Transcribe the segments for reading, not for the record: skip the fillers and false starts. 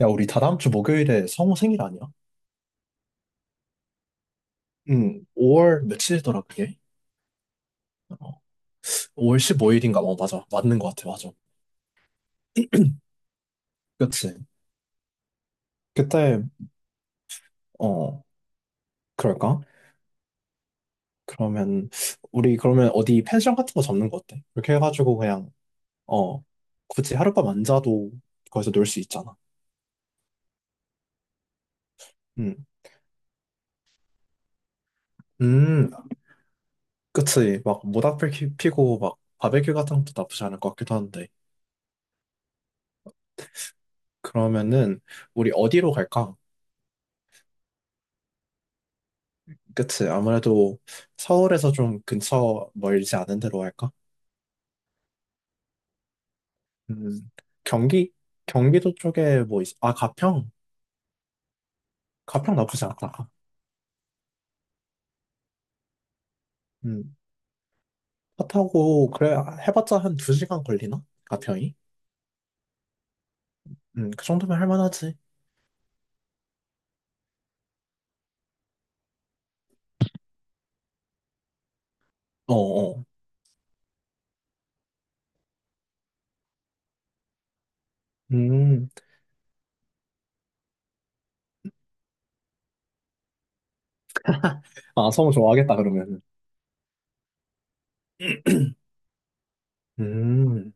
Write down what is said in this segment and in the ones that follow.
야, 우리 다다음 주 목요일에 성우 생일 아니야? 응, 5월 며칠이더라, 그게? 어, 5월 15일인가? 어, 맞아. 맞는 것 같아, 맞아. 그치. 그때, 어, 그럴까? 그러면, 우리 그러면 어디 펜션 같은 거 잡는 거 어때? 그렇게 해가지고 그냥, 어, 굳이 하룻밤 안 자도 거기서 놀 수 있잖아. 응. 음, 그치. 막 모닥불 피고 막 바베큐 같은 것도 나쁘지 않을 것 같기도 한데. 그러면은, 우리 어디로 갈까? 그치. 아무래도 서울에서 좀 근처 멀지 않은 데로 할까? 음, 경기? 경기도 쪽에 뭐, 있... 아, 가평? 가평 나쁘지 않다. 음, 차 타고, 그래, 해봤자 한 두 시간 걸리나? 가평이? 그 정도면 할만하지. 어, 어. 음, 아, 성우 좋아하겠다, 그러면. 음,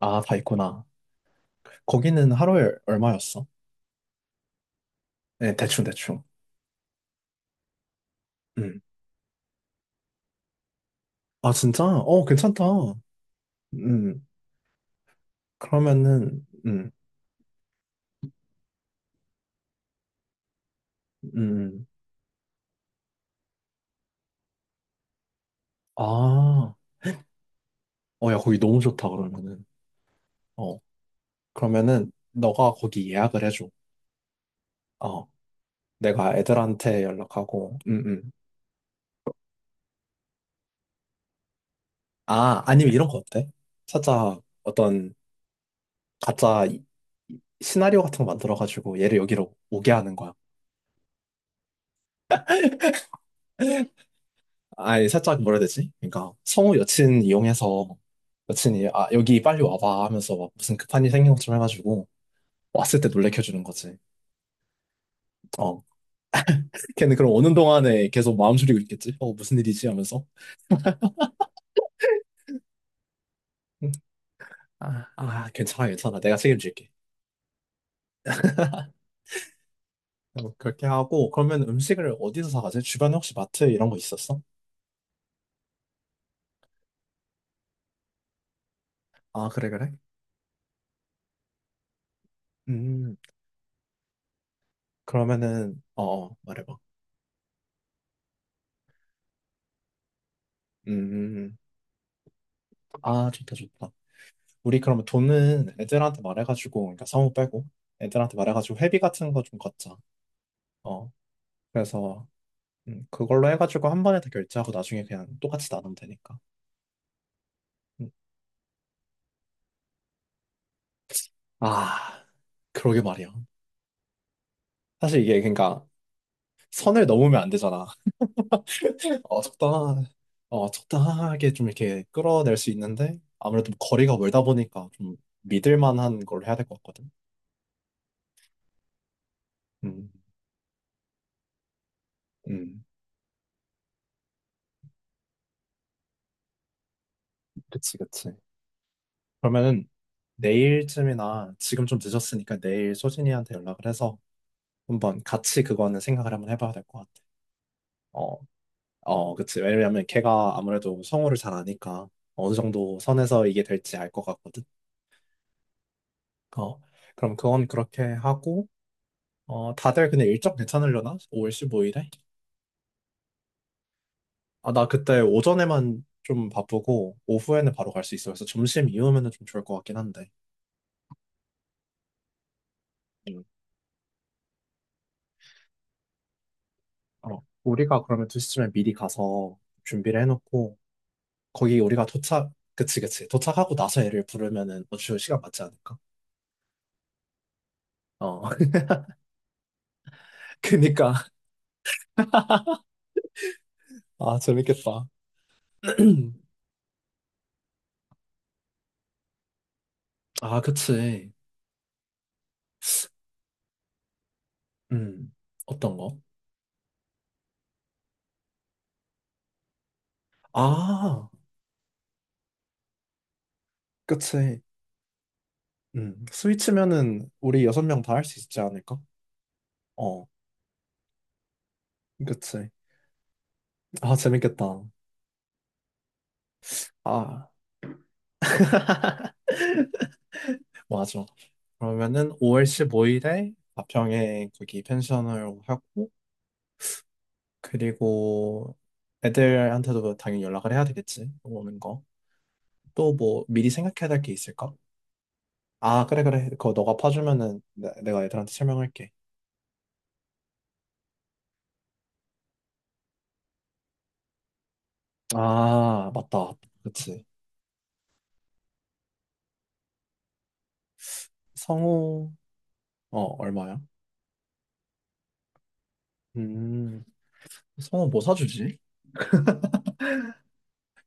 아, 다 있구나. 거기는 하루에 얼마였어? 네, 대충, 대충. 음. 아, 진짜? 어, 괜찮다. 음, 그러면은, 음. 아. 어, 야, 거기 너무 좋다, 그러면은. 어, 그러면은, 너가 거기 예약을 해줘. 어, 내가 애들한테 연락하고, 아, 아니면 이런 거 어때? 살짝 어떤 가짜 이- 시나리오 같은 거 만들어가지고 얘를 여기로 오게 하는 거야. 아니, 살짝 뭐라 해야 되지? 그러니까, 성우 여친 이용해서 여친이, 아, 여기 빨리 와봐 하면서 막 무슨 급한 일 생긴 것처럼 해가지고, 왔을 때 놀래켜 주는 거지. 어. 걔는 그럼 오는 동안에 계속 마음 졸이고 있겠지? 어, 무슨 일이지? 하면서. 아, 아, 괜찮아, 괜찮아. 내가 책임질게. 어, 그렇게 하고 그러면 음식을 어디서 사가지? 주변에 혹시 마트 이런 거 있었어? 아, 그래, 그래? 음, 그러면은 어, 어, 말해봐. 음, 아, 좋다, 좋다. 우리 그러면 돈은 애들한테 말해가지고, 그러니까 성우 빼고 애들한테 말해가지고 회비 같은 거 좀 걷자. 어, 그래서 그걸로 해가지고 한 번에 다 결제하고 나중에 그냥 똑같이 나누면 되니까. 음, 아, 그러게 말이야. 사실 이게 그러니까 선을 넘으면 안 되잖아. 어, 적당한, 어, 적당하게 좀 이렇게 끌어낼 수 있는데, 아무래도 뭐 거리가 멀다 보니까 좀 믿을 만한 걸 해야 될 것 같거든. 음, 음, 그치, 그치. 그러면은 내일쯤이나 지금 좀 늦었으니까 내일 소진이한테 연락을 해서 한번 같이 그거는 생각을 한번 해봐야 될 것 같아. 어, 어, 그치. 왜냐면 걔가 아무래도 성우를 잘 아니까 어느 정도 선에서 이게 될지 알 것 같거든. 어, 그럼 그건 그렇게 하고, 어, 다들 근데 일정 괜찮으려나? 5월 15일에? 아, 나 그때 오전에만 좀 바쁘고, 오후에는 바로 갈 수 있어. 그래서 점심 이후면은 좀 좋을 것 같긴 한데. 음. 어, 우리가 그러면 2시쯤에 미리 가서 준비를 해놓고, 거기 우리가 도착, 그치, 그치. 도착하고 나서 애를 부르면은 어차 시간 맞지 않을까? 어, 그니까. 아, 재밌겠다. 아, 그치. 음, 어떤 거? 아, 그치. 스위치면은 우리 여섯 명 다 할 수 있지 않을까? 어, 그치. 아, 재밌겠다. 아, 맞아. 그러면은 5월 15일에 가평에 거기 펜션을 하고, 그리고 애들한테도 당연히 연락을 해야 되겠지. 오는 거. 또 뭐 미리 생각해야 될 게 있을까? 아, 그래, 그래. 그거 너가 파주면은 내가 애들한테 설명할게. 아, 맞다. 그치. 성우, 어, 얼마야? 음, 성우 뭐 사주지?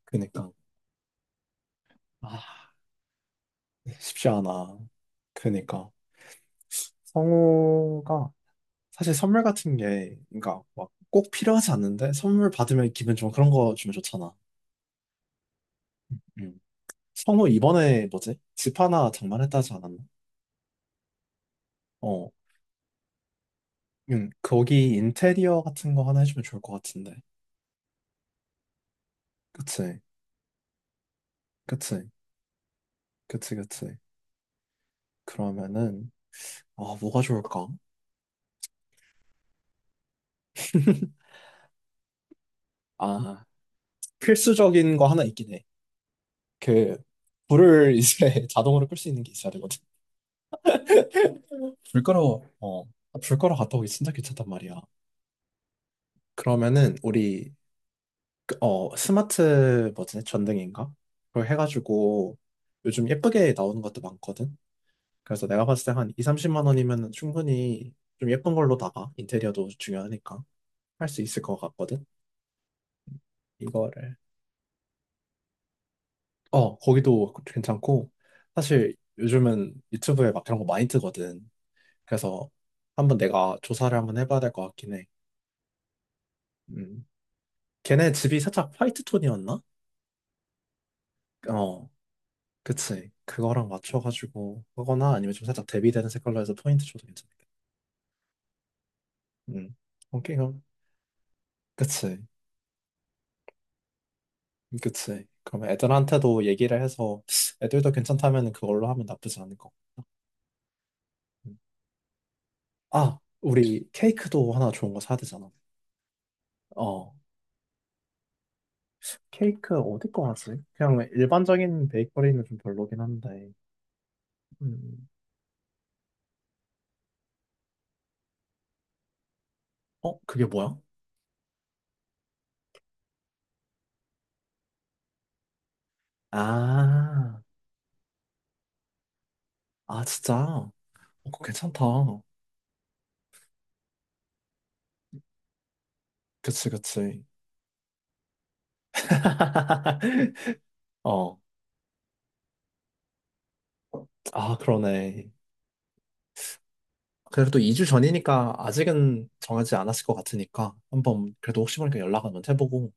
그니까. 아, 쉽지 않아. 그니까. 성우가 사실 선물 같은 게, 그러니까 막 꼭 필요하지 않는데 선물 받으면 기분 좀 그런 거 주면 좋잖아. 음. 성우 이번에 뭐지? 집 하나 장만했다 하지 않았나? 어, 거기 인테리어 같은 거 하나 해주면 좋을 것 같은데. 그치, 그치, 그치, 그치. 그러면은 아 뭐가 좋을까? 아 필수적인 거 하나 있긴 해. 그 불을 이제 자동으로 끌 수 있는 게 있어야 되거든. 불 끄러, 어, 불 끄러 갔다 오기 진짜 귀찮단 말이야. 그러면은 우리 그, 어, 스마트 뭐지? 전등인가? 그걸 해가지고 요즘 예쁘게 나오는 것도 많거든. 그래서 내가 봤을 때 한 2, 30만 원이면 충분히 좀 예쁜 걸로 나가. 인테리어도 중요하니까 할 수 있을 것 같거든. 이거를. 어, 거기도 괜찮고. 사실 요즘은 유튜브에 막 그런 거 많이 뜨거든. 그래서 한번 내가 조사를 한번 해봐야 될 것 같긴 해. 음. 걔네 집이 살짝 화이트 톤이었나? 어. 그치. 그거랑 맞춰가지고 하거나 아니면 좀 살짝 대비되는 색깔로 해서 포인트 줘도 괜찮겠다. 음. 오케이, 그럼. 그치. 그치. 그러면 애들한테도 얘기를 해서 애들도 괜찮다면 그걸로 하면 나쁘지 않을 것 같다. 음. 아, 우리 케이크도 하나 좋은 거 사야 되잖아. 어. 케이크 어디 거 하지? 그냥 일반적인 베이커리는 좀 별로긴 한데. 음. 어, 그게 뭐야? 아, 아, 진짜. 어, 그거 괜찮다. 그치, 그치. 어. 아, 그러네. 그래도 2주 전이니까 아직은 정하지 않았을 것 같으니까 한번 그래도 혹시 모르니까 연락 한번 해보고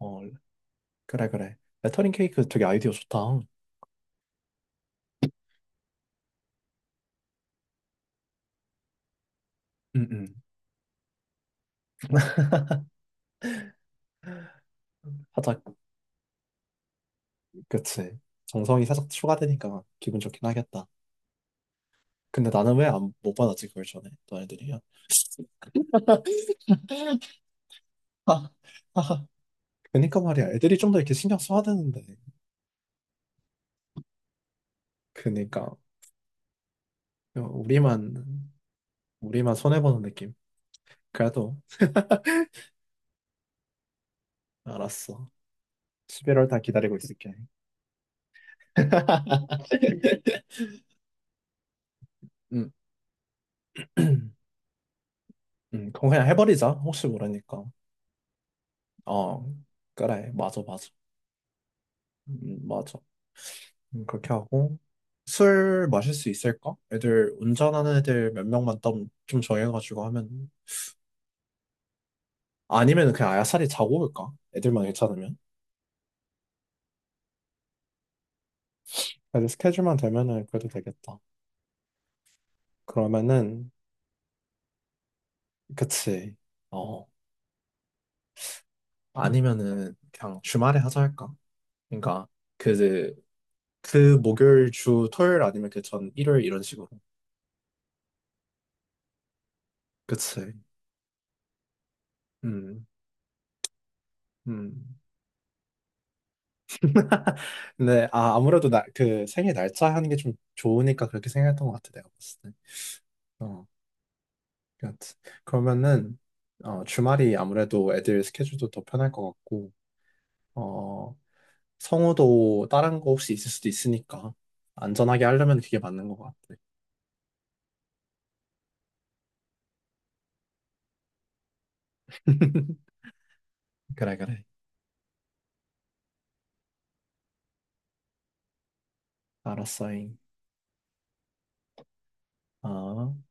어 그래 그래 레터링 케이크 되게 아이디어 좋다. 응응. 하자 그치. 정성이 살짝 추가되니까 기분 좋긴 하겠다. 근데 나는 왜 안 못 받았지 그걸 전에 너네들이야. 아, 아. 그니까 말이야 애들이 좀 더 이렇게 신경 써야 되는데 그니까 우리만 우리만 손해 보는 느낌. 그래도 알았어. 11월 다 기다리고 있을게. 음, 그럼 그냥 해버리자. 혹시 모르니까. 어, 그래. 맞아, 맞아. 맞아. 그렇게 하고. 술 마실 수 있을까? 애들, 운전하는 애들 몇 명만 좀, 좀 정해가지고 하면. 아니면 그냥 아야살이 자고 올까? 애들만 괜찮으면. 애들 스케줄만 되면은 그래도 되겠다. 그러면은, 그치. 어, 아니면은 그냥 주말에 하자 할까? 그러니까 그 그 목요일 주 토요일 아니면 그 전 일요일 이런 식으로. 그치. 음. 음. 근데 아 아무래도 나 그 생일 날짜 하는 게 좀 좋으니까 그렇게 생각했던 것 같아 내가 봤을 때. 어. 그렇지. 그러면은 어 주말이 아무래도 애들 스케줄도 더 편할 것 같고 어 성우도 다른 거 혹시 있을 수도 있으니까 안전하게 하려면 그게 맞는 것 같아. 그래 그래. 알았어잉. 어.